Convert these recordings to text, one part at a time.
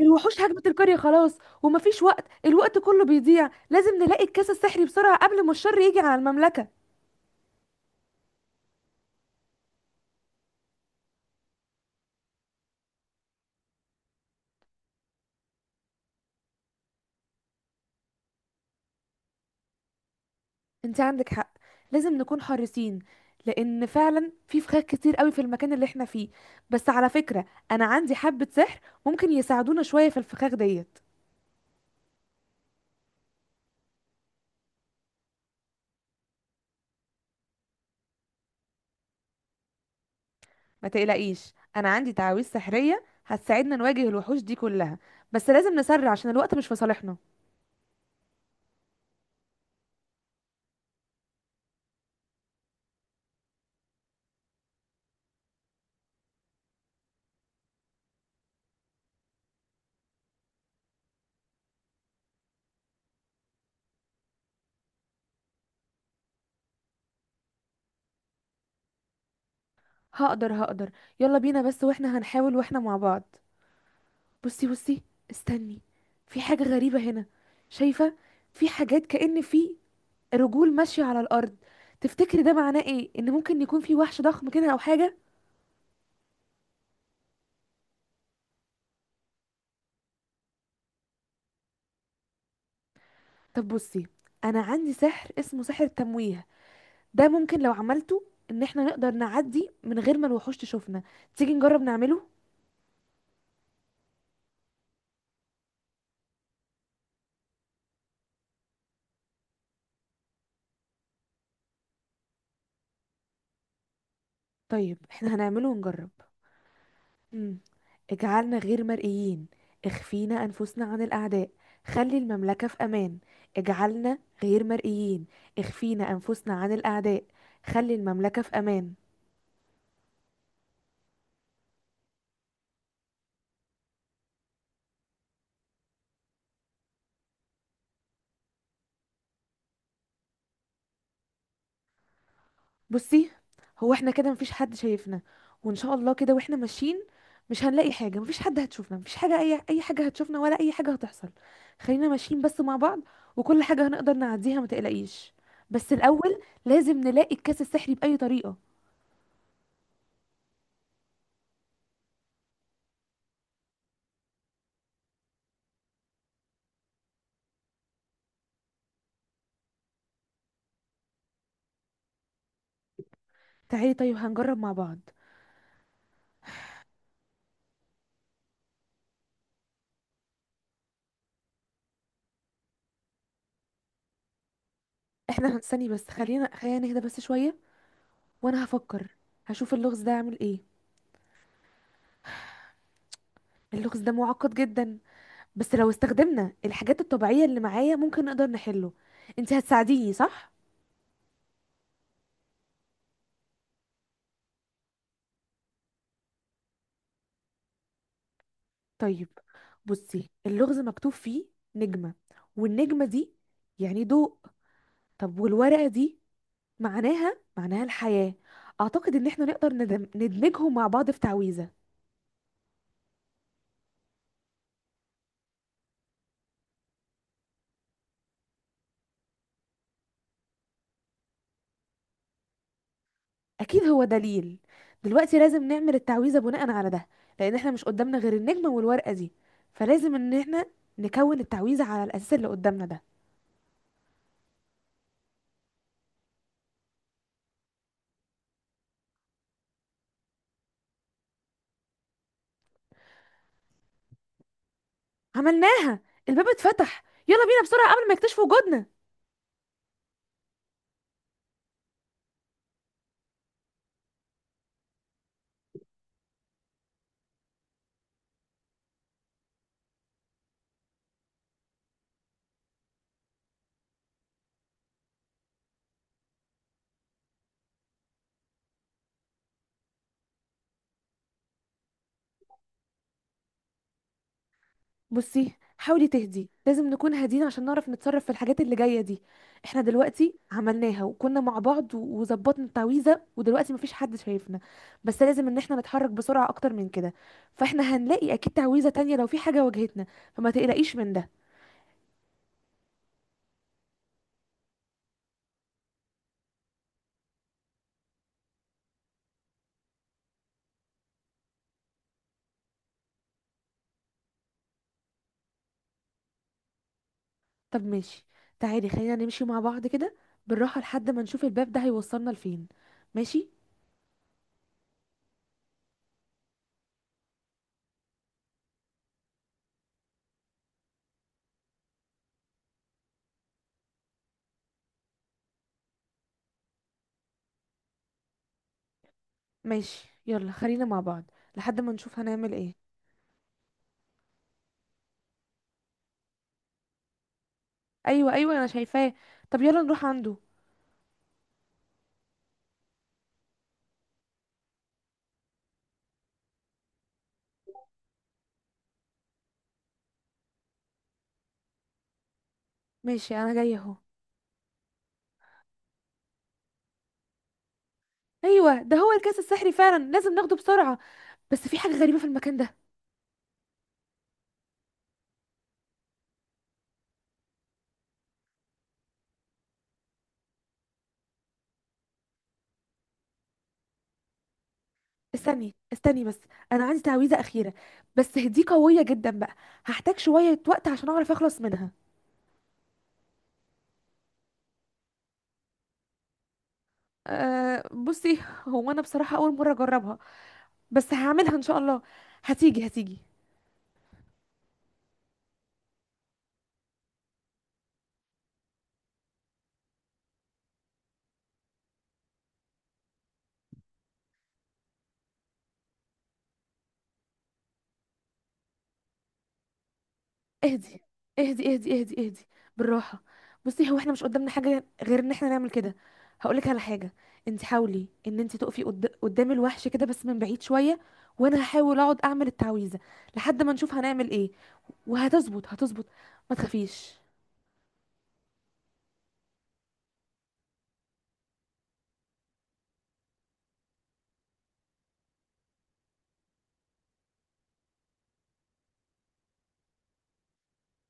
الوحوش هجمت القرية خلاص، ومفيش وقت. الوقت كله بيضيع. لازم نلاقي الكاس السحري بسرعة قبل ما الشر يجي على المملكة. انت عندك حق، لازم نكون حريصين، لان فعلا في فخاخ كتير قوي في المكان اللي احنا فيه. بس على فكرة، انا عندي حبة سحر ممكن يساعدونا شوية في الفخاخ ديت. ما تقلقيش، انا عندي تعاويذ سحرية هتساعدنا نواجه الوحوش دي كلها. بس لازم نسرع عشان الوقت مش في صالحنا. هقدر هقدر. يلا بينا، بس واحنا هنحاول واحنا مع بعض. بصي بصي، استني. في حاجة غريبة هنا. شايفة؟ في حاجات كأن في رجول ماشية على الأرض. تفتكري ده معناه ايه؟ ان ممكن يكون في وحش ضخم كده او حاجة. طب بصي، انا عندي سحر اسمه سحر التمويه. ده ممكن لو عملته ان احنا نقدر نعدي من غير ما الوحوش تشوفنا. تيجي نجرب نعمله؟ طيب احنا هنعمله ونجرب. مم. اجعلنا غير مرئيين. اخفينا أنفسنا عن الأعداء. خلي المملكة في أمان. اجعلنا غير مرئيين. اخفينا أنفسنا عن الأعداء. خلي المملكة في أمان. بصي، هو احنا كده مفيش حد شايفنا. وإن شاء الله كده واحنا ماشيين مش هنلاقي حاجة. مفيش حد هتشوفنا. مفيش حاجة، أي أي حاجة هتشوفنا ولا أي حاجة هتحصل. خلينا ماشيين بس مع بعض، وكل حاجة هنقدر نعديها. ما تقلقيش. بس الأول لازم نلاقي الكاس السحري بأي طريقة. تعالي، طيب هنجرب مع بعض. احنا هنستني. بس خلينا نهدى بس شوية، وانا هفكر. هشوف اللغز ده اعمل ايه. اللغز ده معقد جدا، بس لو استخدمنا الحاجات الطبيعية اللي معايا ممكن نقدر نحله. انت هتساعديني صح؟ طيب بصي، اللغز مكتوب فيه نجمة. والنجمة دي يعني ضوء. طب والورقة دي معناها معناها الحياة. اعتقد ان احنا نقدر ندمجهم مع بعض في تعويذة. اكيد هو دليل. دلوقتي لازم نعمل التعويذه بناء على ده، لان احنا مش قدامنا غير النجمه والورقه دي. فلازم ان احنا نكون التعويذه على الاساس اللي قدامنا ده. عملناها! الباب اتفتح. يلا بينا بسرعه قبل ما يكتشفوا وجودنا. بصي، حاولي تهدي. لازم نكون هادين عشان نعرف نتصرف في الحاجات اللي جايه دي. احنا دلوقتي عملناها وكنا مع بعض، و- وظبطنا التعويذه ودلوقتي مفيش حد شايفنا. بس لازم ان احنا نتحرك بسرعه اكتر من كده. فاحنا هنلاقي اكيد تعويذه تانية لو في حاجه واجهتنا، فما تقلقيش من ده. طب ماشي، تعالي خلينا نمشي مع بعض كده بالراحة لحد ما نشوف الباب ده هيوصلنا لفين. ماشي. ماشي، يلا خلينا مع بعض لحد ما نشوف هنعمل ايه. ايوه ايوه، انا شايفاه. طب يلا نروح عنده. ماشي، انا جاية اهو. ايوه، ده هو الكاس السحري فعلا. لازم ناخده بسرعة. بس في حاجة غريبة في المكان ده. استني استني بس، انا عندي تعويذة اخيرة. بس دي قوية جدا بقى. هحتاج شوية وقت عشان اعرف اخلص منها. أه بصي، هو انا بصراحة اول مرة اجربها، بس هعملها ان شاء الله. هتيجي هتيجي. اهدي اهدي اهدي اهدي اهدي. بالراحه. بصي، هو احنا مش قدامنا حاجه غير ان احنا نعمل كده. هقولك على حاجه. انت حاولي ان انت تقفي قدام الوحش كده بس من بعيد شويه، وانا هحاول اقعد اعمل التعويذه لحد ما نشوف هنعمل ايه. وهتظبط هتظبط. ما تخافيش.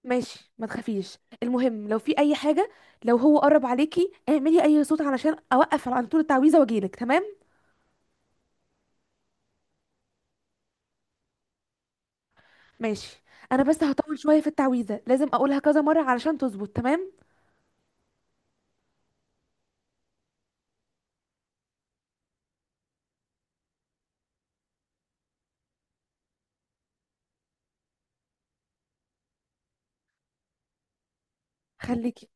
ماشي، ما تخافيش. المهم لو في اي حاجه، لو هو قرب عليكي اعملي اي صوت علشان اوقف على طول التعويذه واجيلك. تمام. ماشي. انا بس هطول شويه في التعويذه، لازم اقولها كذا مره علشان تظبط تمام. خليكي.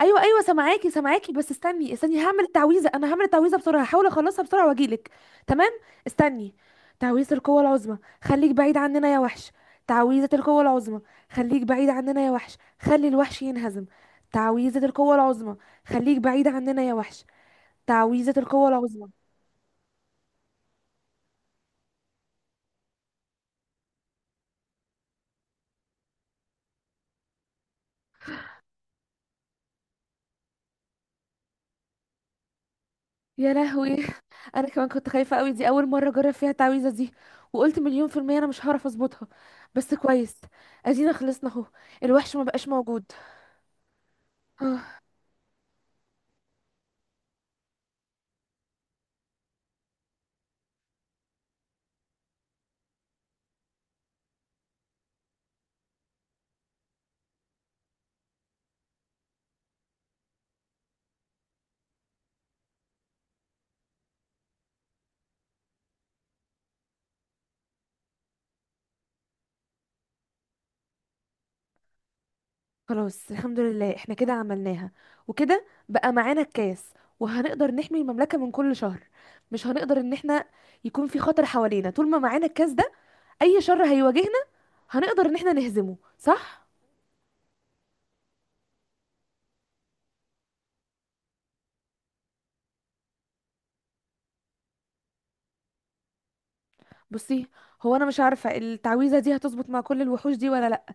ايوه ايوه، سامعاكي سامعاكي. بس استني استني، هعمل التعويذه. انا هعمل التعويذه بسرعه، هحاول اخلصها بسرعه واجيلك. تمام. استني. تعويذه القوه العظمى، خليك بعيد عننا يا وحش. تعويذه القوه العظمى، خليك بعيد عننا يا وحش، خلي الوحش ينهزم. تعويذه القوه العظمى، خليك بعيد عننا يا وحش. تعويذه القوه العظمى. يا لهوي! انا كمان كنت خايفه قوي. دي اول مره اجرب فيها التعويذه دي، وقلت مليون في الميه انا مش هعرف اظبطها. بس كويس، ادينا خلصنا اهو. الوحش ما بقاش موجود. آه. خلاص الحمد لله، احنا كده عملناها. وكده بقى معانا الكاس، وهنقدر نحمي المملكه من كل شر. مش هنقدر ان احنا يكون في خطر حوالينا طول ما معانا الكاس ده. اي شر هيواجهنا هنقدر ان احنا نهزمه، صح. بصي، هو انا مش عارفه التعويذه دي هتظبط مع كل الوحوش دي ولا لا،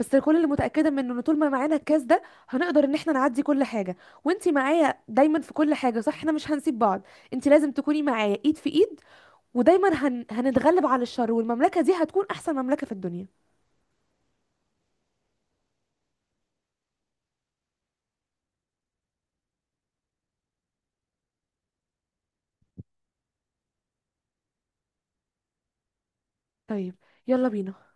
بس كل اللي متأكدة منه ان طول ما معانا الكاس ده هنقدر ان احنا نعدي كل حاجة. وانتي معايا دايما في كل حاجة، صح احنا مش هنسيب بعض. انتي لازم تكوني معايا ايد في ايد، ودايما هنتغلب على الشر، والمملكة دي هتكون احسن مملكة في الدنيا. طيب، يلا بينا.